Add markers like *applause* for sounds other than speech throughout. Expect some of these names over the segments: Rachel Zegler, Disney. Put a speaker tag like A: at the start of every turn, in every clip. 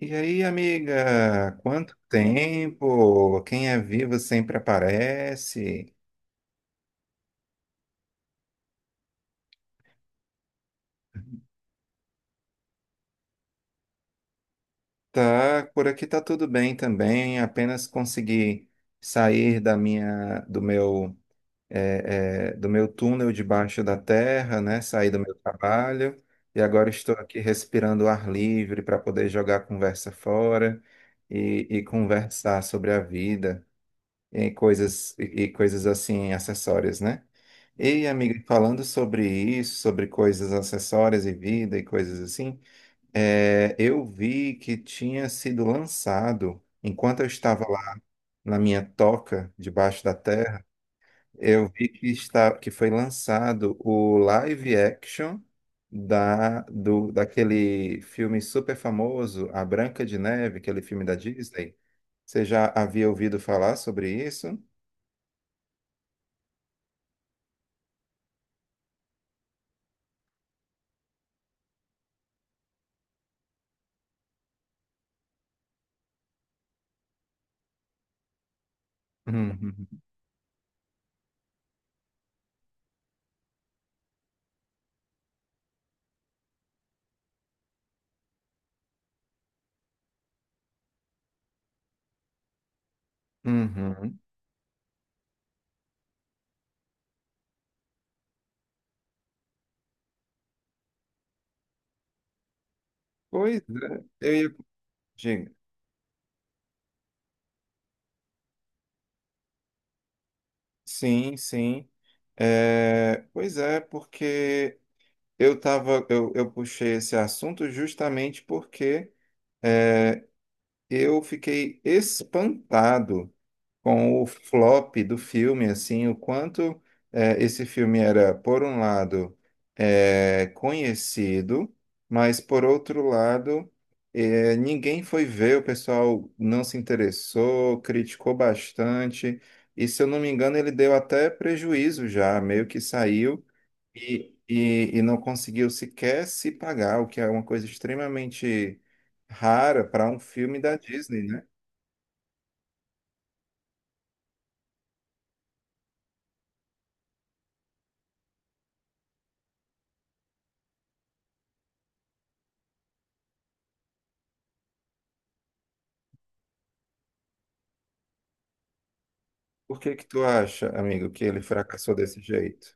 A: E aí, amiga, quanto tempo? Quem é vivo sempre aparece. Tá, por aqui tá tudo bem também. Apenas consegui sair da minha, do meu, é, é, do meu túnel debaixo da terra, né? Sair do meu trabalho e agora estou aqui respirando ar livre para poder jogar a conversa fora e conversar sobre a vida. E coisas assim acessórias, né? E amiga, falando sobre isso, sobre coisas acessórias e vida e coisas assim, eu vi que tinha sido lançado, enquanto eu estava lá na minha toca debaixo da terra, eu vi que está que foi lançado o live action da do daquele filme super famoso, A Branca de Neve, aquele filme da Disney. Você já havia ouvido falar sobre isso? Uhum. Uhum. Pois é, eu ia... Diga. Sim, sim. É, pois é, porque eu puxei esse assunto justamente porque é, eu fiquei espantado com o flop do filme, assim, o quanto esse filme era, por um lado, conhecido, mas por outro lado, ninguém foi ver, o pessoal não se interessou, criticou bastante, e se eu não me engano, ele deu até prejuízo já, meio que saiu e não conseguiu sequer se pagar, o que é uma coisa extremamente rara para um filme da Disney, né? Por que que tu acha, amigo, que ele fracassou desse jeito?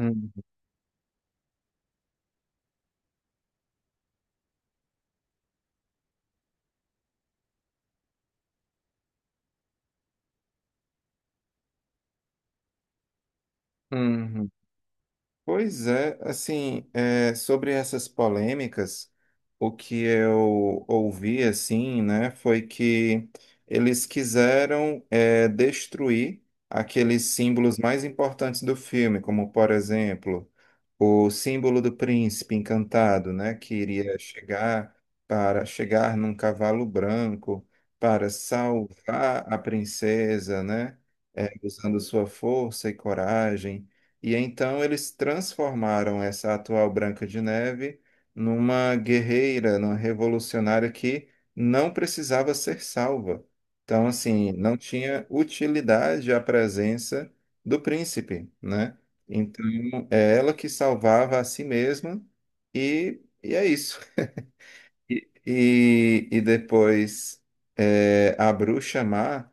A: Uhum. Uhum. Pois é, assim, é, sobre essas polêmicas, o que eu ouvi, assim, né, foi que eles quiseram, é, destruir aqueles símbolos mais importantes do filme, como, por exemplo, o símbolo do príncipe encantado, né, que iria chegar para chegar num cavalo branco para salvar a princesa, né, é, usando sua força e coragem. E então eles transformaram essa atual Branca de Neve numa guerreira, numa revolucionária que não precisava ser salva. Então, assim, não tinha utilidade a presença do príncipe, né? Então, é ela que salvava a si mesma e é isso. E depois é, a bruxa má,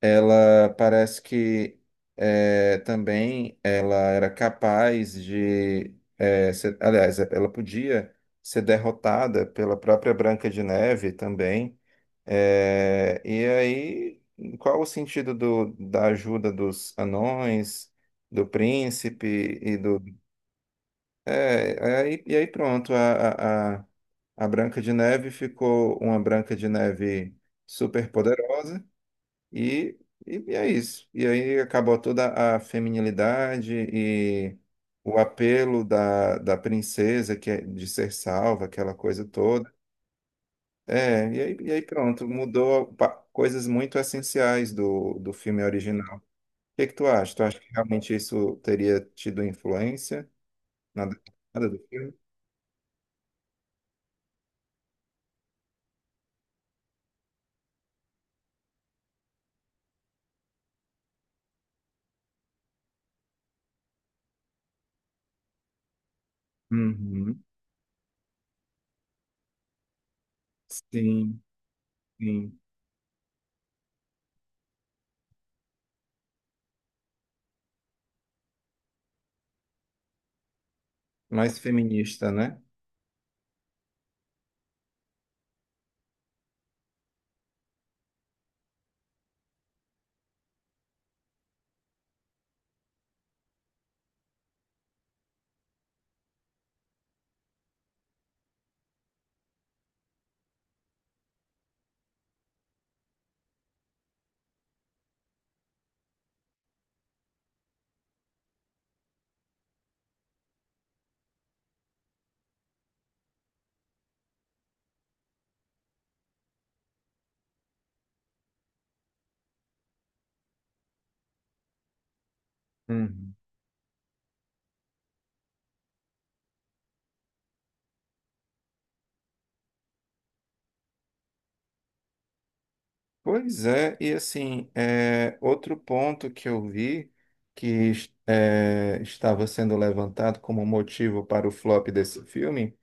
A: ela parece que é, também ela era capaz de, é, aliás, ela podia ser derrotada pela própria Branca de Neve também. É, e aí, qual o sentido da ajuda dos anões, do príncipe é, aí, e aí pronto, a Branca de Neve ficou uma Branca de Neve super poderosa e, e é isso. E aí acabou toda a feminilidade e o apelo da princesa que é de ser salva, aquela coisa toda. É, e aí pronto, coisas muito essenciais do filme original. O que que tu acha? Tu acha que realmente isso teria tido influência na nada do filme? Uhum. Sim, sim. Mais feminista, né? Uhum. Pois é, e assim, é, outro ponto que eu vi que é, estava sendo levantado como motivo para o flop desse filme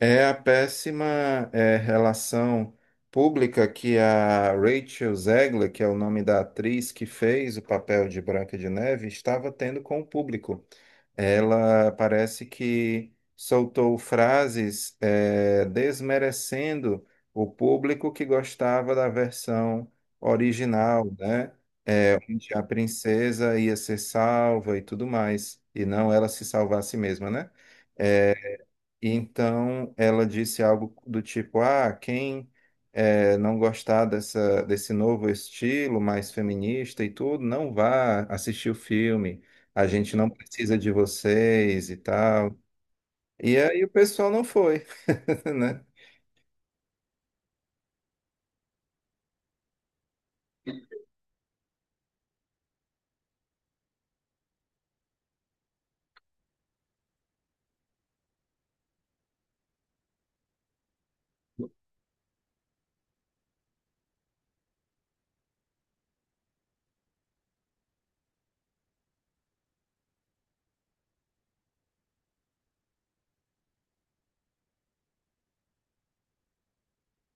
A: é a péssima é, relação pública que a Rachel Zegler, que é o nome da atriz que fez o papel de Branca de Neve, estava tendo com o público. Ela parece que soltou frases desmerecendo o público que gostava da versão original, né? Onde a princesa ia ser salva e tudo mais, e não ela se salvar a si mesma, né? Então, ela disse algo do tipo: Ah, quem não gostar desse novo estilo mais feminista e tudo, não vá assistir o filme. A gente não precisa de vocês e tal. E aí o pessoal não foi, *laughs* né?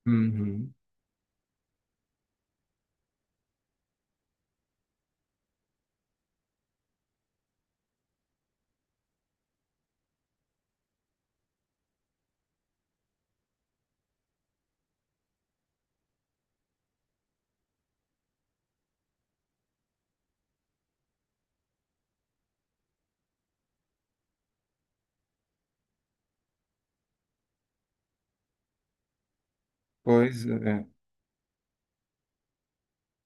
A: Uhum. Pois é.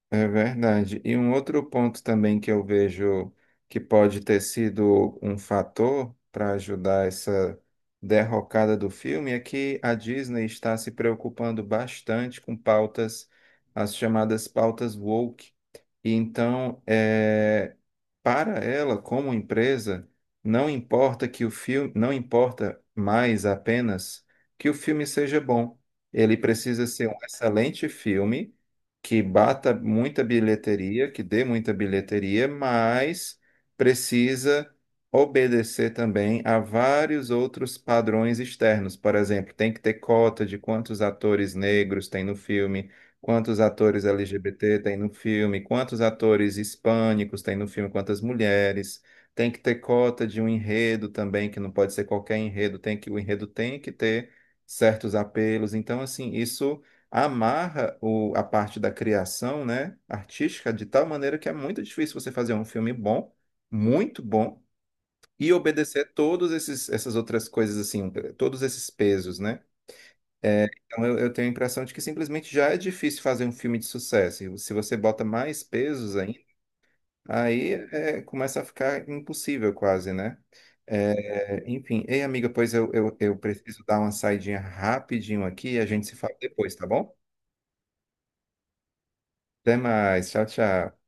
A: É verdade. E um outro ponto também que eu vejo que pode ter sido um fator para ajudar essa derrocada do filme é que a Disney está se preocupando bastante com pautas, as chamadas pautas woke. E então, para ela, como empresa, não importa que o filme, não importa mais apenas que o filme seja bom. Ele precisa ser um excelente filme que bata muita bilheteria, que dê muita bilheteria, mas precisa obedecer também a vários outros padrões externos. Por exemplo, tem que ter cota de quantos atores negros tem no filme, quantos atores LGBT tem no filme? Quantos atores hispânicos tem no filme? Quantas mulheres? Tem que ter cota de um enredo também, que não pode ser qualquer enredo, tem que o enredo tem que ter certos apelos. Então, assim, isso amarra a parte da criação, né, artística de tal maneira que é muito difícil você fazer um filme bom, muito bom, e obedecer todos esses essas outras coisas assim, todos esses pesos, né? É, então, eu tenho a impressão de que simplesmente já é difícil fazer um filme de sucesso. E se você bota mais pesos ainda, aí é, começa a ficar impossível quase, né? É, enfim, ei, amiga, pois eu preciso dar uma saidinha rapidinho aqui e a gente se fala depois, tá bom? Até mais, tchau, tchau.